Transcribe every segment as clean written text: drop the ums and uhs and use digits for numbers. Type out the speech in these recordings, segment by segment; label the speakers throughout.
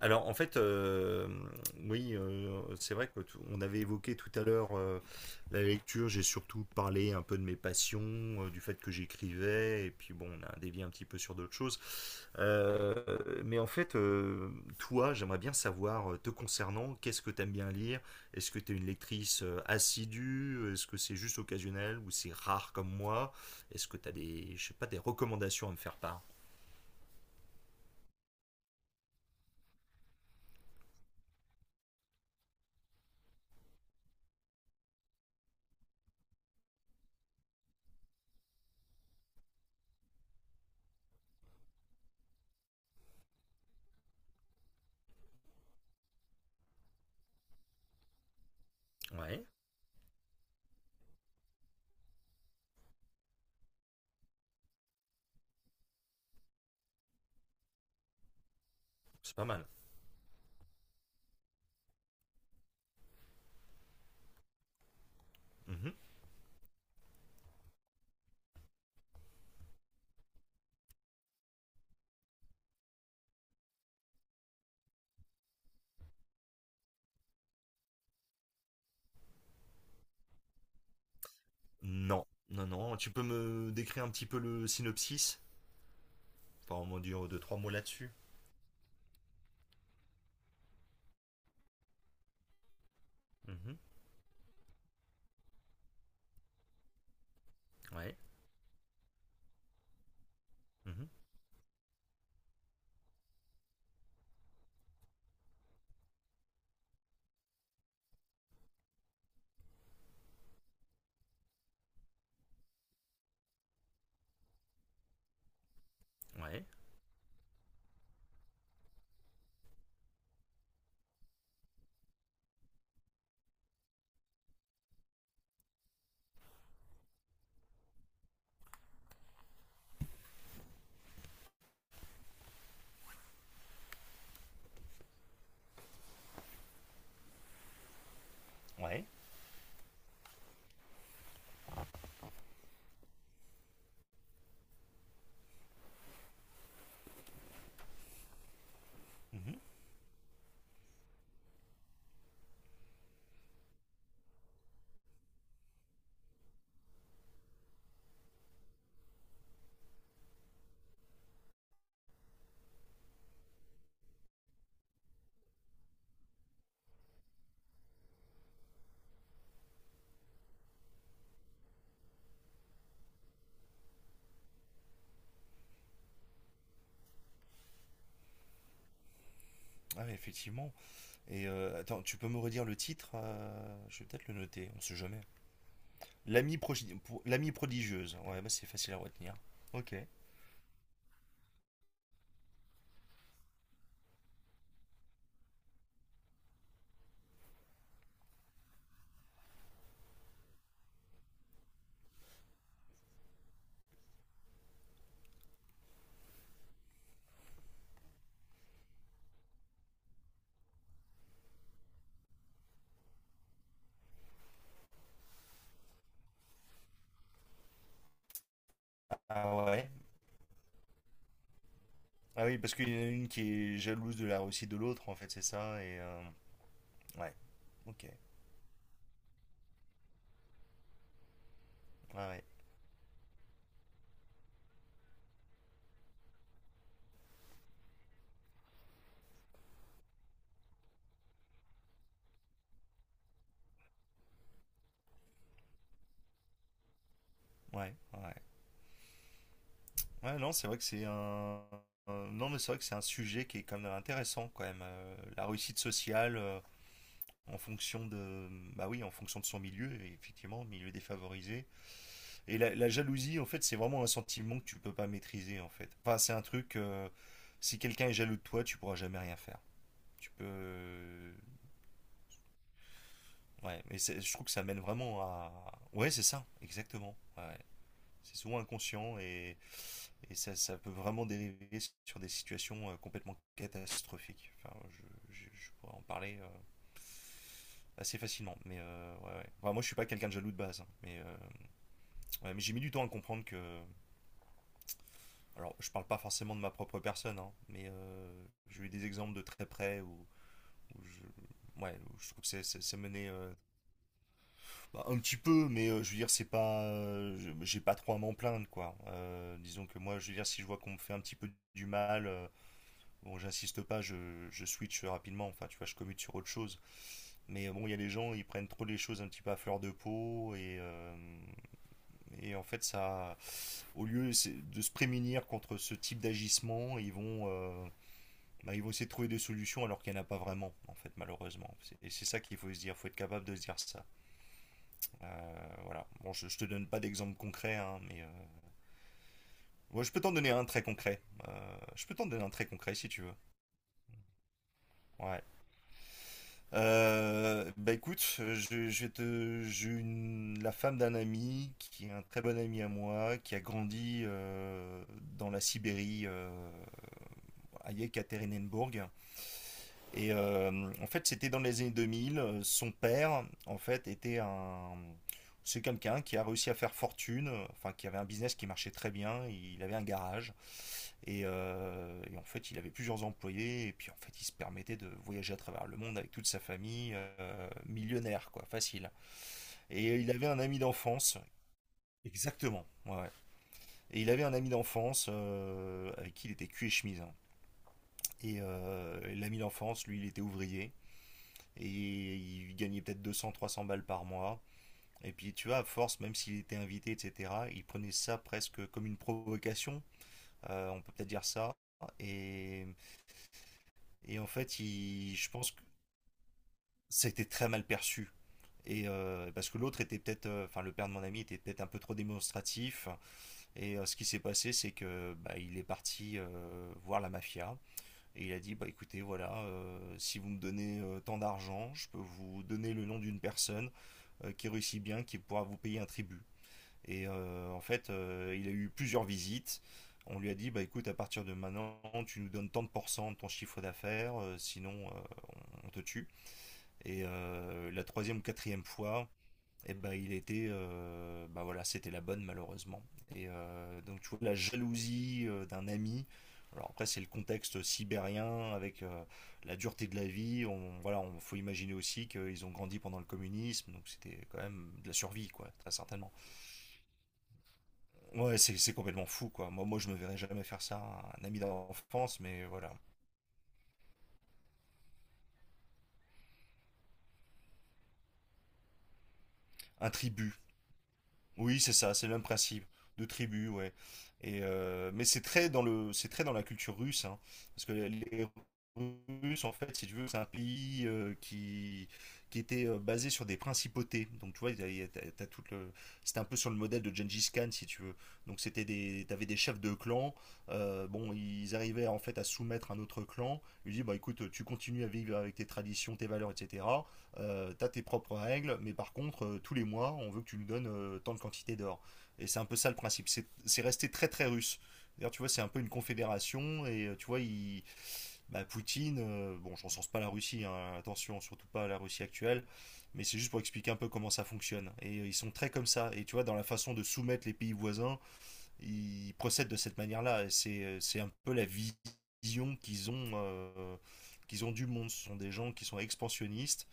Speaker 1: Alors en fait, oui, c'est vrai que on avait évoqué tout à l'heure la lecture. J'ai surtout parlé un peu de mes passions, du fait que j'écrivais, et puis bon, on a dévié un petit peu sur d'autres choses. Euh, mais en fait, toi, j'aimerais bien savoir, te concernant, qu'est-ce que t'aimes bien lire? Est-ce que t'es une lectrice assidue? Est-ce que c'est juste occasionnel ou c'est rare comme moi? Est-ce que t'as des, je sais pas, des recommandations à me faire part? Ouais, c'est pas mal. Non, non, non. Tu peux me décrire un petit peu le synopsis. Enfin, on va dire deux, trois mots là-dessus. Mhm. Ouais. Mhm. Ouais. Ouais. Mhm. Ah, mais effectivement. Et attends, tu peux me redire le titre. Je vais peut-être le noter, on sait jamais. L'ami prodigieuse. Ouais, bah c'est facile à retenir. Ok. Ah ouais. Ah oui, parce qu'il y en a une qui est jalouse de la réussite de l'autre, en fait, c'est ça. Et ouais. Ok. Ouais, ouais. Ouais, ouais. Ouais, non, c'est vrai que c'est un. Un- Non, mais c'est vrai que c'est un sujet qui est quand même intéressant, quand même. La réussite sociale en fonction de. Bah oui, en fonction de son milieu, et effectivement, milieu défavorisé. Et la jalousie, en fait, c'est vraiment un sentiment que tu peux pas maîtriser, en fait. Enfin, c'est un truc. Si quelqu'un est jaloux de toi, tu pourras jamais rien faire. Tu peux. Ouais, mais je trouve que ça mène vraiment à. Ouais, c'est ça, exactement. Ouais. C'est souvent inconscient et ça peut vraiment dériver sur des situations complètement catastrophiques. Enfin, je pourrais en parler assez facilement. Mais ouais, ouais. Enfin, moi, je suis pas quelqu'un de jaloux de base, hein, mais ouais, mais j'ai mis du temps à comprendre que. Alors, je parle pas forcément de ma propre personne, hein, mais j'ai eu des exemples de très près où je. Ouais, je trouve que c'est mené bah, un petit peu, mais je veux dire, c'est pas. J'ai pas trop à m'en plaindre, quoi. Disons que moi, je veux dire, si je vois qu'on me fait un petit peu du mal. Bon, j'insiste pas, je switch rapidement, enfin, tu vois, je commute sur autre chose. Mais bon, il y a des gens, ils prennent trop les choses un petit peu à fleur de peau, et en fait, ça, au lieu de se prémunir contre ce type d'agissement, ils vont essayer de trouver des solutions alors qu'il n'y en a pas vraiment, en fait, malheureusement. Et c'est ça qu'il faut se dire, faut être capable de se dire ça. Voilà. Bon, je te donne pas d'exemple concret, hein, mais ouais, je peux t'en donner un très concret. Je peux t'en donner un très concret si tu veux. Ouais. Bah écoute, je vais te, j'ai une, la femme d'un ami qui est un très bon ami à moi, qui a grandi dans la Sibérie, à Yekaterinenburg. Et en fait, c'était dans les années 2000. Son père, en fait, c'est quelqu'un qui a réussi à faire fortune, enfin qui avait un business qui marchait très bien. Il avait un garage. Et en fait, il avait plusieurs employés, et puis en fait, il se permettait de voyager à travers le monde avec toute sa famille, millionnaire, quoi, facile. Et il avait un ami d'enfance, exactement, ouais, ouais. Et il avait un ami d'enfance avec qui il était cul et chemise, hein. Et l'ami d'enfance, lui, il était ouvrier, et il gagnait peut-être 200, 300 balles par mois. Et puis, tu vois, à force, même s'il était invité, etc., il prenait ça presque comme une provocation, on peut peut-être dire ça. Et, et en fait, il, je pense c'était très mal perçu. Et parce que l'autre était peut-être, enfin le père de mon ami était peut-être un peu trop démonstratif. Et ce qui s'est passé, c'est que bah, il est parti voir la mafia. Et il a dit, bah écoutez, voilà, si vous me donnez tant d'argent, je peux vous donner le nom d'une personne qui réussit bien, qui pourra vous payer un tribut. Et en fait, il a eu plusieurs visites. On lui a dit, bah écoute, à partir de maintenant, tu nous donnes tant de pourcents de ton chiffre d'affaires, sinon on te tue. Et la troisième ou quatrième fois, et ben il était, bah voilà, c'était la bonne malheureusement. Et donc tu vois la jalousie d'un ami. Alors après c'est le contexte sibérien avec la dureté de la vie. Voilà, on faut imaginer aussi qu'ils ont grandi pendant le communisme, donc c'était quand même de la survie, quoi, très certainement. Ouais, c'est complètement fou, quoi. Moi moi je me verrais jamais faire ça à un ami d'enfance, mais voilà. Un tribut. Oui, c'est ça, c'est le même principe de tribu, ouais. Et mais c'est très dans la culture russe, hein, parce que les Russes, en fait, si tu veux, c'est un pays qui était basé sur des principautés. Donc tu vois, il y a- t'as- t'as c'était un peu sur le modèle de Gengis Khan, si tu veux. Donc t'avais des chefs de clan. Bon, ils arrivaient en fait à soumettre un autre clan. Ils disaient, bah écoute, tu continues à vivre avec tes traditions, tes valeurs, etc., t'as tes propres règles, mais par contre, tous les mois, on veut que tu nous donnes tant de quantité d'or. Et c'est un peu ça le principe. C'est resté très très russe. D'ailleurs, tu vois, c'est un peu une confédération, et tu vois, bah, Poutine, bon, je recense pas la Russie, hein, attention, surtout pas la Russie actuelle, mais c'est juste pour expliquer un peu comment ça fonctionne. Et ils sont très comme ça, et tu vois, dans la façon de soumettre les pays voisins, ils procèdent de cette manière-là, et c'est un peu la vision qu'ils ont du monde. Ce sont des gens qui sont expansionnistes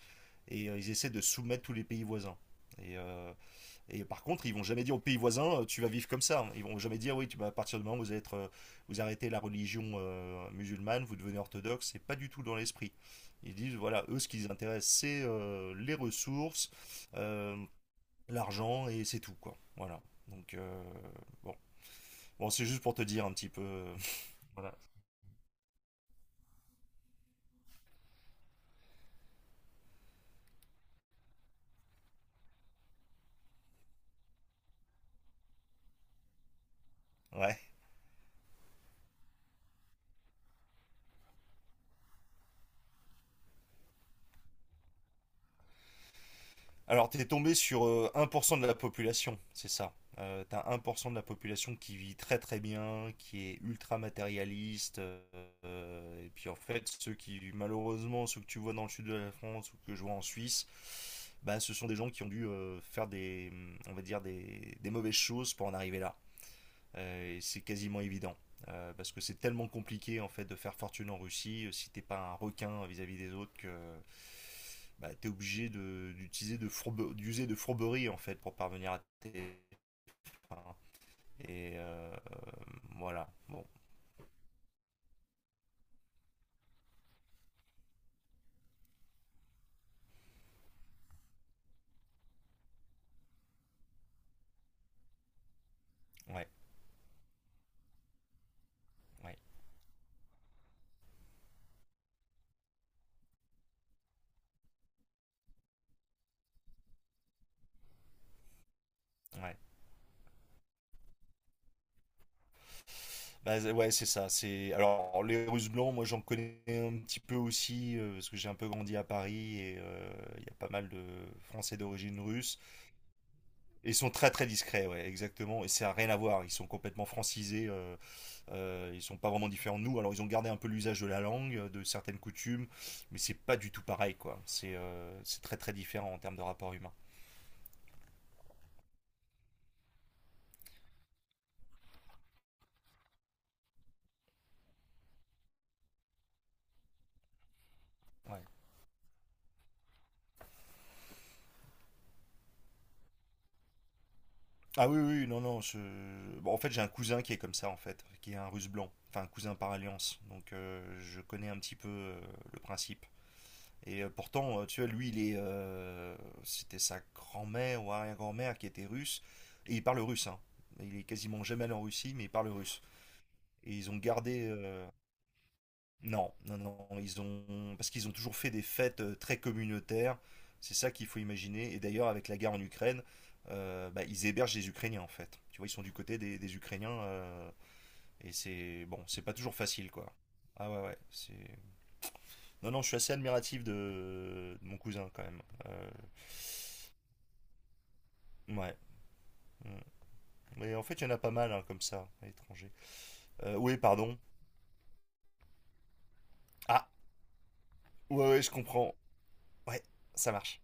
Speaker 1: et ils essaient de soumettre tous les pays voisins. Et, euh, et par contre, ils vont jamais dire aux pays voisins, tu vas vivre comme ça. Ils vont jamais dire, oui, tu, vas à partir du moment où vous, allez être, vous arrêtez la religion musulmane, vous devenez orthodoxe. C'est pas du tout dans l'esprit. Ils disent, voilà, eux, ce qui les intéresse, c'est les ressources, euh, l'argent, et c'est tout, quoi. Voilà. Donc, bon. Bon, c'est juste pour te dire un petit peu. Voilà. Ouais. Alors, t'es tombé sur 1% de la population, c'est ça. T'as 1% de la population qui vit très très bien, qui est ultra matérialiste. Et puis en fait, ceux qui, malheureusement, ceux que tu vois dans le sud de la France ou que je vois en Suisse, bah, ce sont des gens qui ont dû faire des, on va dire, des mauvaises choses pour en arriver là, et c'est quasiment évident. Parce que c'est tellement compliqué en fait de faire fortune en Russie si t'es pas un requin vis-à-vis des autres que bah, t'es obligé d'user de fourberie en fait pour parvenir à tes fins. Et voilà, bon, ouais, ouais, ouais. Bah, ouais, c'est ça. C'est alors les Russes blancs, moi j'en connais un petit peu aussi parce que j'ai un peu grandi à Paris et il y a pas mal de Français d'origine russe. Ils sont très très discrets, ouais, exactement. Et ça n'a rien à voir. Ils sont complètement francisés. Ils sont pas vraiment différents de nous. Alors ils ont gardé un peu l'usage de la langue, de certaines coutumes, mais c'est pas du tout pareil, quoi. C'est très très différent en termes de rapport humain. Ouais. Ah oui oui non non. Bon, en fait j'ai un cousin qui est comme ça en fait, qui est un Russe blanc, enfin un cousin par alliance. Donc je connais un petit peu le principe. Et pourtant, tu vois, lui, c'était sa grand-mère ou arrière-grand-mère qui était russe, et il parle russe, hein. Il est quasiment jamais allé en Russie, mais il parle russe. Et ils ont gardé, non, non, non, ils ont, parce qu'ils ont toujours fait des fêtes très communautaires. C'est ça qu'il faut imaginer. Et d'ailleurs, avec la guerre en Ukraine, bah, ils hébergent les Ukrainiens en fait. Tu vois, ils sont du côté des Ukrainiens, et c'est bon, c'est pas toujours facile, quoi. Ah ouais, ouais, c'est. Non, non, je suis assez admiratif de mon cousin quand même. Ouais. Mm. Mais en fait, il y en a pas mal hein, comme ça, à l'étranger. Oui, pardon. Ah, ouais, ouais, je comprends. Ouais, ça marche.